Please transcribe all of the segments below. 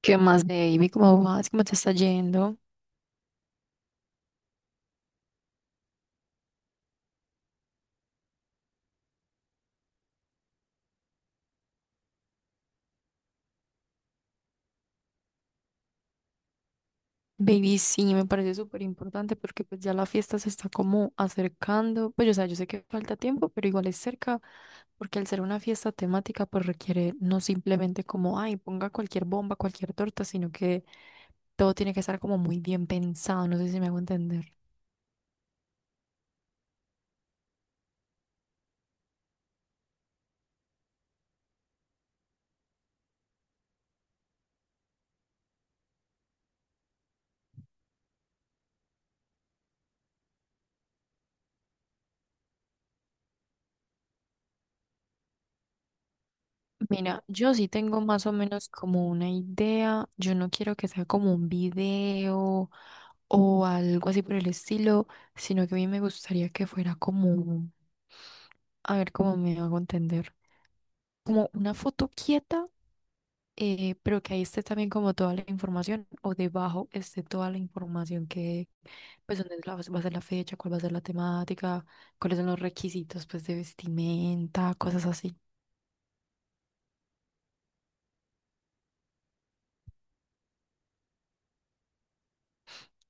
¿Qué más, baby? ¿Cómo vas? ¿Cómo te está yendo? Baby, sí, me parece súper importante porque pues ya la fiesta se está como acercando. Pues, o sea, yo sé que falta tiempo, pero igual es cerca porque al ser una fiesta temática pues requiere no simplemente como, ay, ponga cualquier bomba, cualquier torta, sino que todo tiene que estar como muy bien pensado. No sé si me hago entender. Mira, yo sí tengo más o menos como una idea. Yo no quiero que sea como un video o algo así por el estilo, sino que a mí me gustaría que fuera como, a ver cómo me hago entender, como una foto quieta, pero que ahí esté también como toda la información o debajo esté toda la información que, pues, dónde va a ser la fecha, cuál va a ser la temática, cuáles son los requisitos, pues, de vestimenta, cosas así.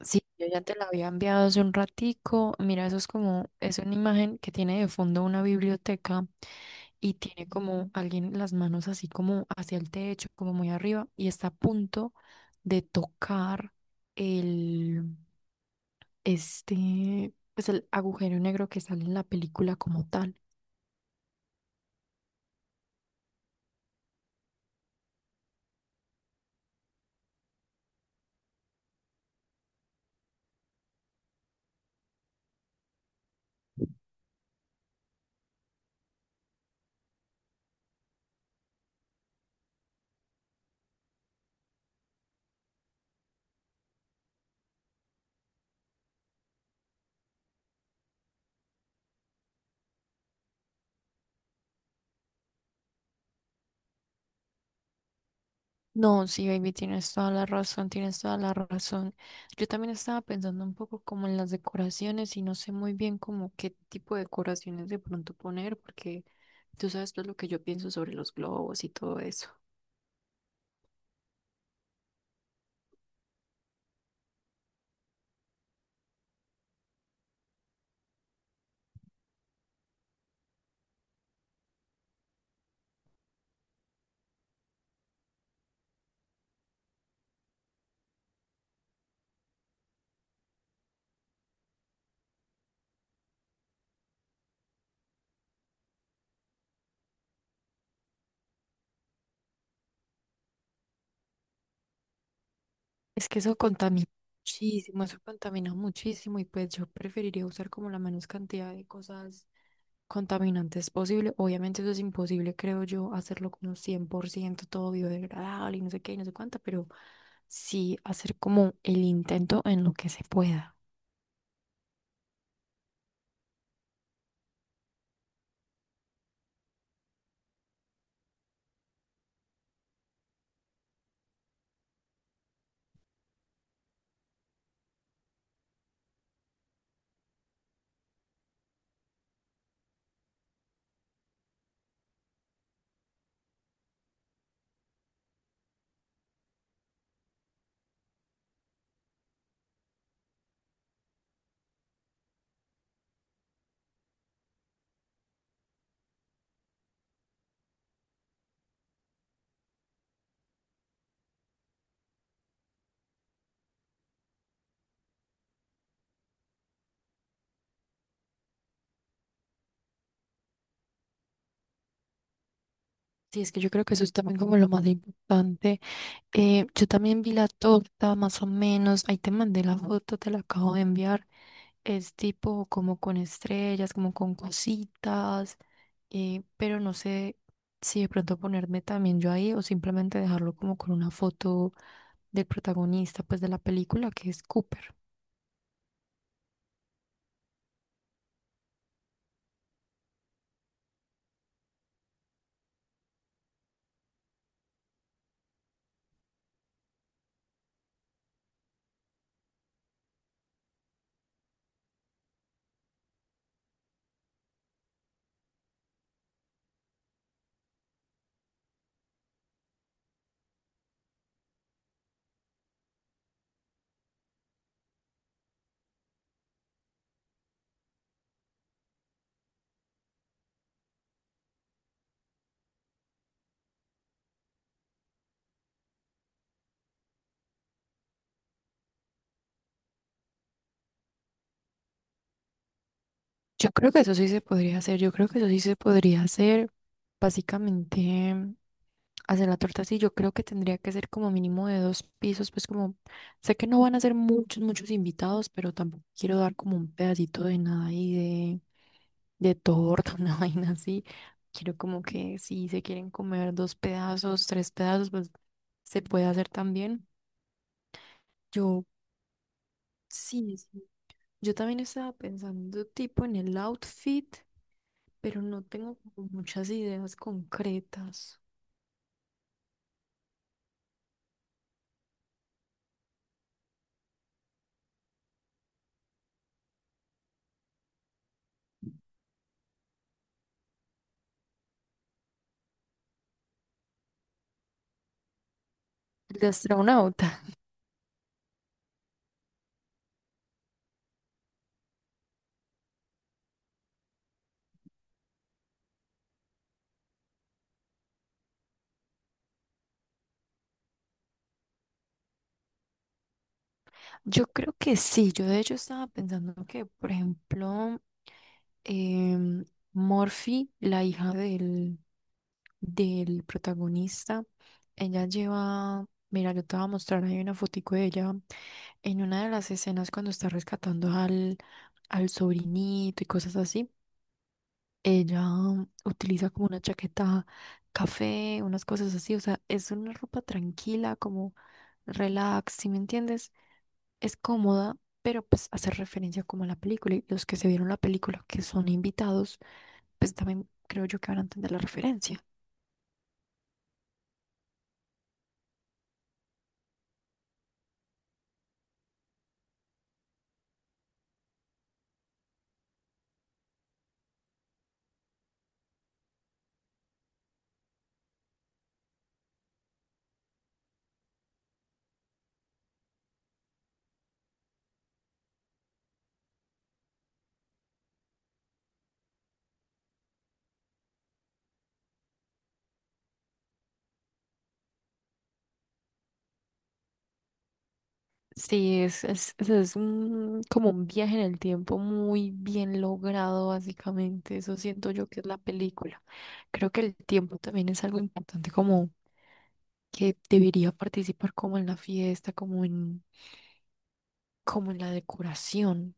Sí, yo ya te la había enviado hace un ratico. Mira, eso es como, es una imagen que tiene de fondo una biblioteca y tiene como alguien las manos así como hacia el techo, como muy arriba, y está a punto de tocar el, este, pues el agujero negro que sale en la película como tal. No, sí, baby, tienes toda la razón, tienes toda la razón. Yo también estaba pensando un poco como en las decoraciones y no sé muy bien como qué tipo de decoraciones de pronto poner, porque tú sabes todo lo que yo pienso sobre los globos y todo eso. Es que eso contamina muchísimo y pues yo preferiría usar como la menos cantidad de cosas contaminantes posible. Obviamente eso es imposible, creo yo, hacerlo como 100% todo biodegradable y no sé qué y no sé cuánta, pero sí hacer como el intento en lo que se pueda. Sí, es que yo creo que eso es también como lo más importante. Yo también vi la torta, más o menos. Ahí te mandé la foto, te la acabo de enviar. Es tipo como con estrellas, como con cositas, pero no sé si de pronto ponerme también yo ahí o simplemente dejarlo como con una foto del protagonista, pues de la película, que es Cooper. Yo creo que eso sí se podría hacer, yo creo que eso sí se podría hacer, básicamente hacer la torta así, yo creo que tendría que ser como mínimo de dos pisos, pues como sé que no van a ser muchos, muchos invitados, pero tampoco quiero dar como un pedacito de nada y de torta, una vaina así, quiero como que si se quieren comer dos pedazos, tres pedazos, pues se puede hacer también. Yo sí, sí, yo también estaba pensando tipo en el outfit, pero no tengo como muchas ideas concretas. El de astronauta. Yo creo que sí. Yo de hecho estaba pensando que, por ejemplo, em, Morphy, la hija del protagonista, ella lleva, mira, yo te voy a mostrar ahí una fotico de ella en una de las escenas cuando está rescatando al sobrinito y cosas así. Ella utiliza como una chaqueta café, unas cosas así, o sea, es una ropa tranquila, como relax, ¿si me entiendes? Es cómoda, pero pues hace referencia como a la película y los que se vieron la película que son invitados, pues también creo yo que van a entender la referencia. Sí, es como un viaje en el tiempo muy bien logrado, básicamente. Eso siento yo que es la película. Creo que el tiempo también es algo importante, como que debería participar como en la fiesta, como en la decoración.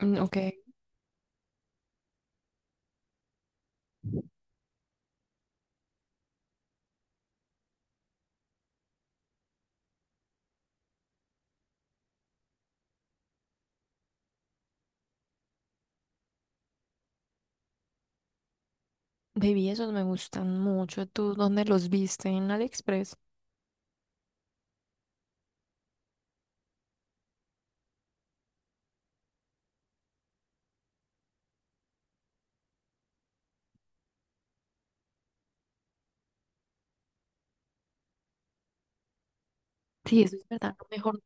Mm, ok, baby, esos me gustan mucho. ¿Tú dónde los viste? ¿En AliExpress? Sí, eso es verdad. mejor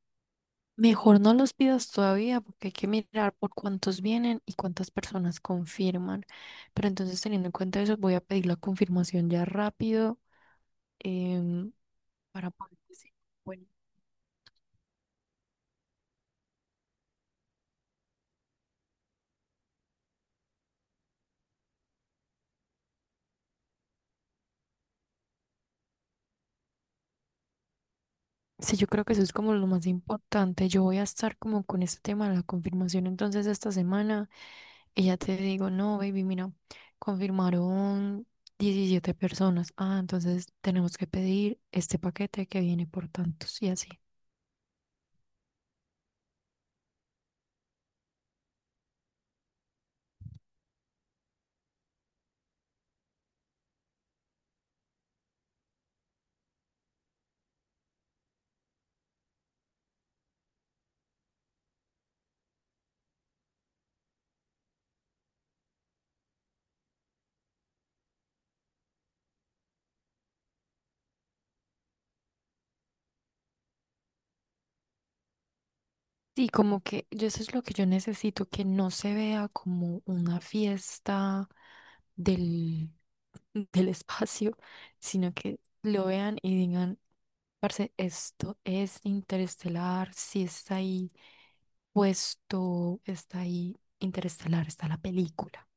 Mejor no los pidas todavía porque hay que mirar por cuántos vienen y cuántas personas confirman. Pero entonces, teniendo en cuenta eso, voy a pedir la confirmación ya rápido em, para poder decir, bueno, sí, yo creo que eso es como lo más importante. Yo voy a estar como con este tema de la confirmación entonces esta semana y ya te digo, no, baby, mira, confirmaron 17 personas. Ah, entonces tenemos que pedir este paquete que viene por tantos y así. Sí, como que yo eso es lo que yo necesito, que no se vea como una fiesta del, del espacio, sino que lo vean y digan, Parce, esto es interestelar, si está ahí puesto, está ahí interestelar, está la película.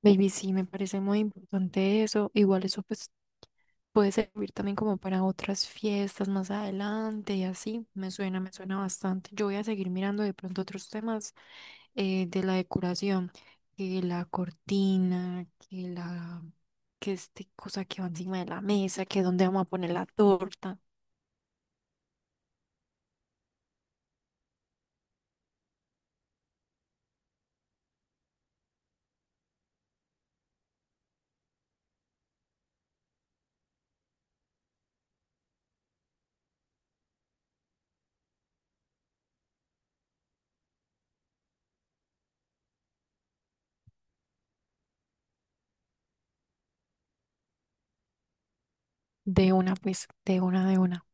Baby, sí, me parece muy importante eso. Igual eso pues puede servir también como para otras fiestas más adelante y así. Me suena bastante. Yo voy a seguir mirando de pronto otros temas de la decoración, que la cortina, que este cosa que va encima de la mesa, que dónde vamos a poner la torta. De una, pues, de una, de una.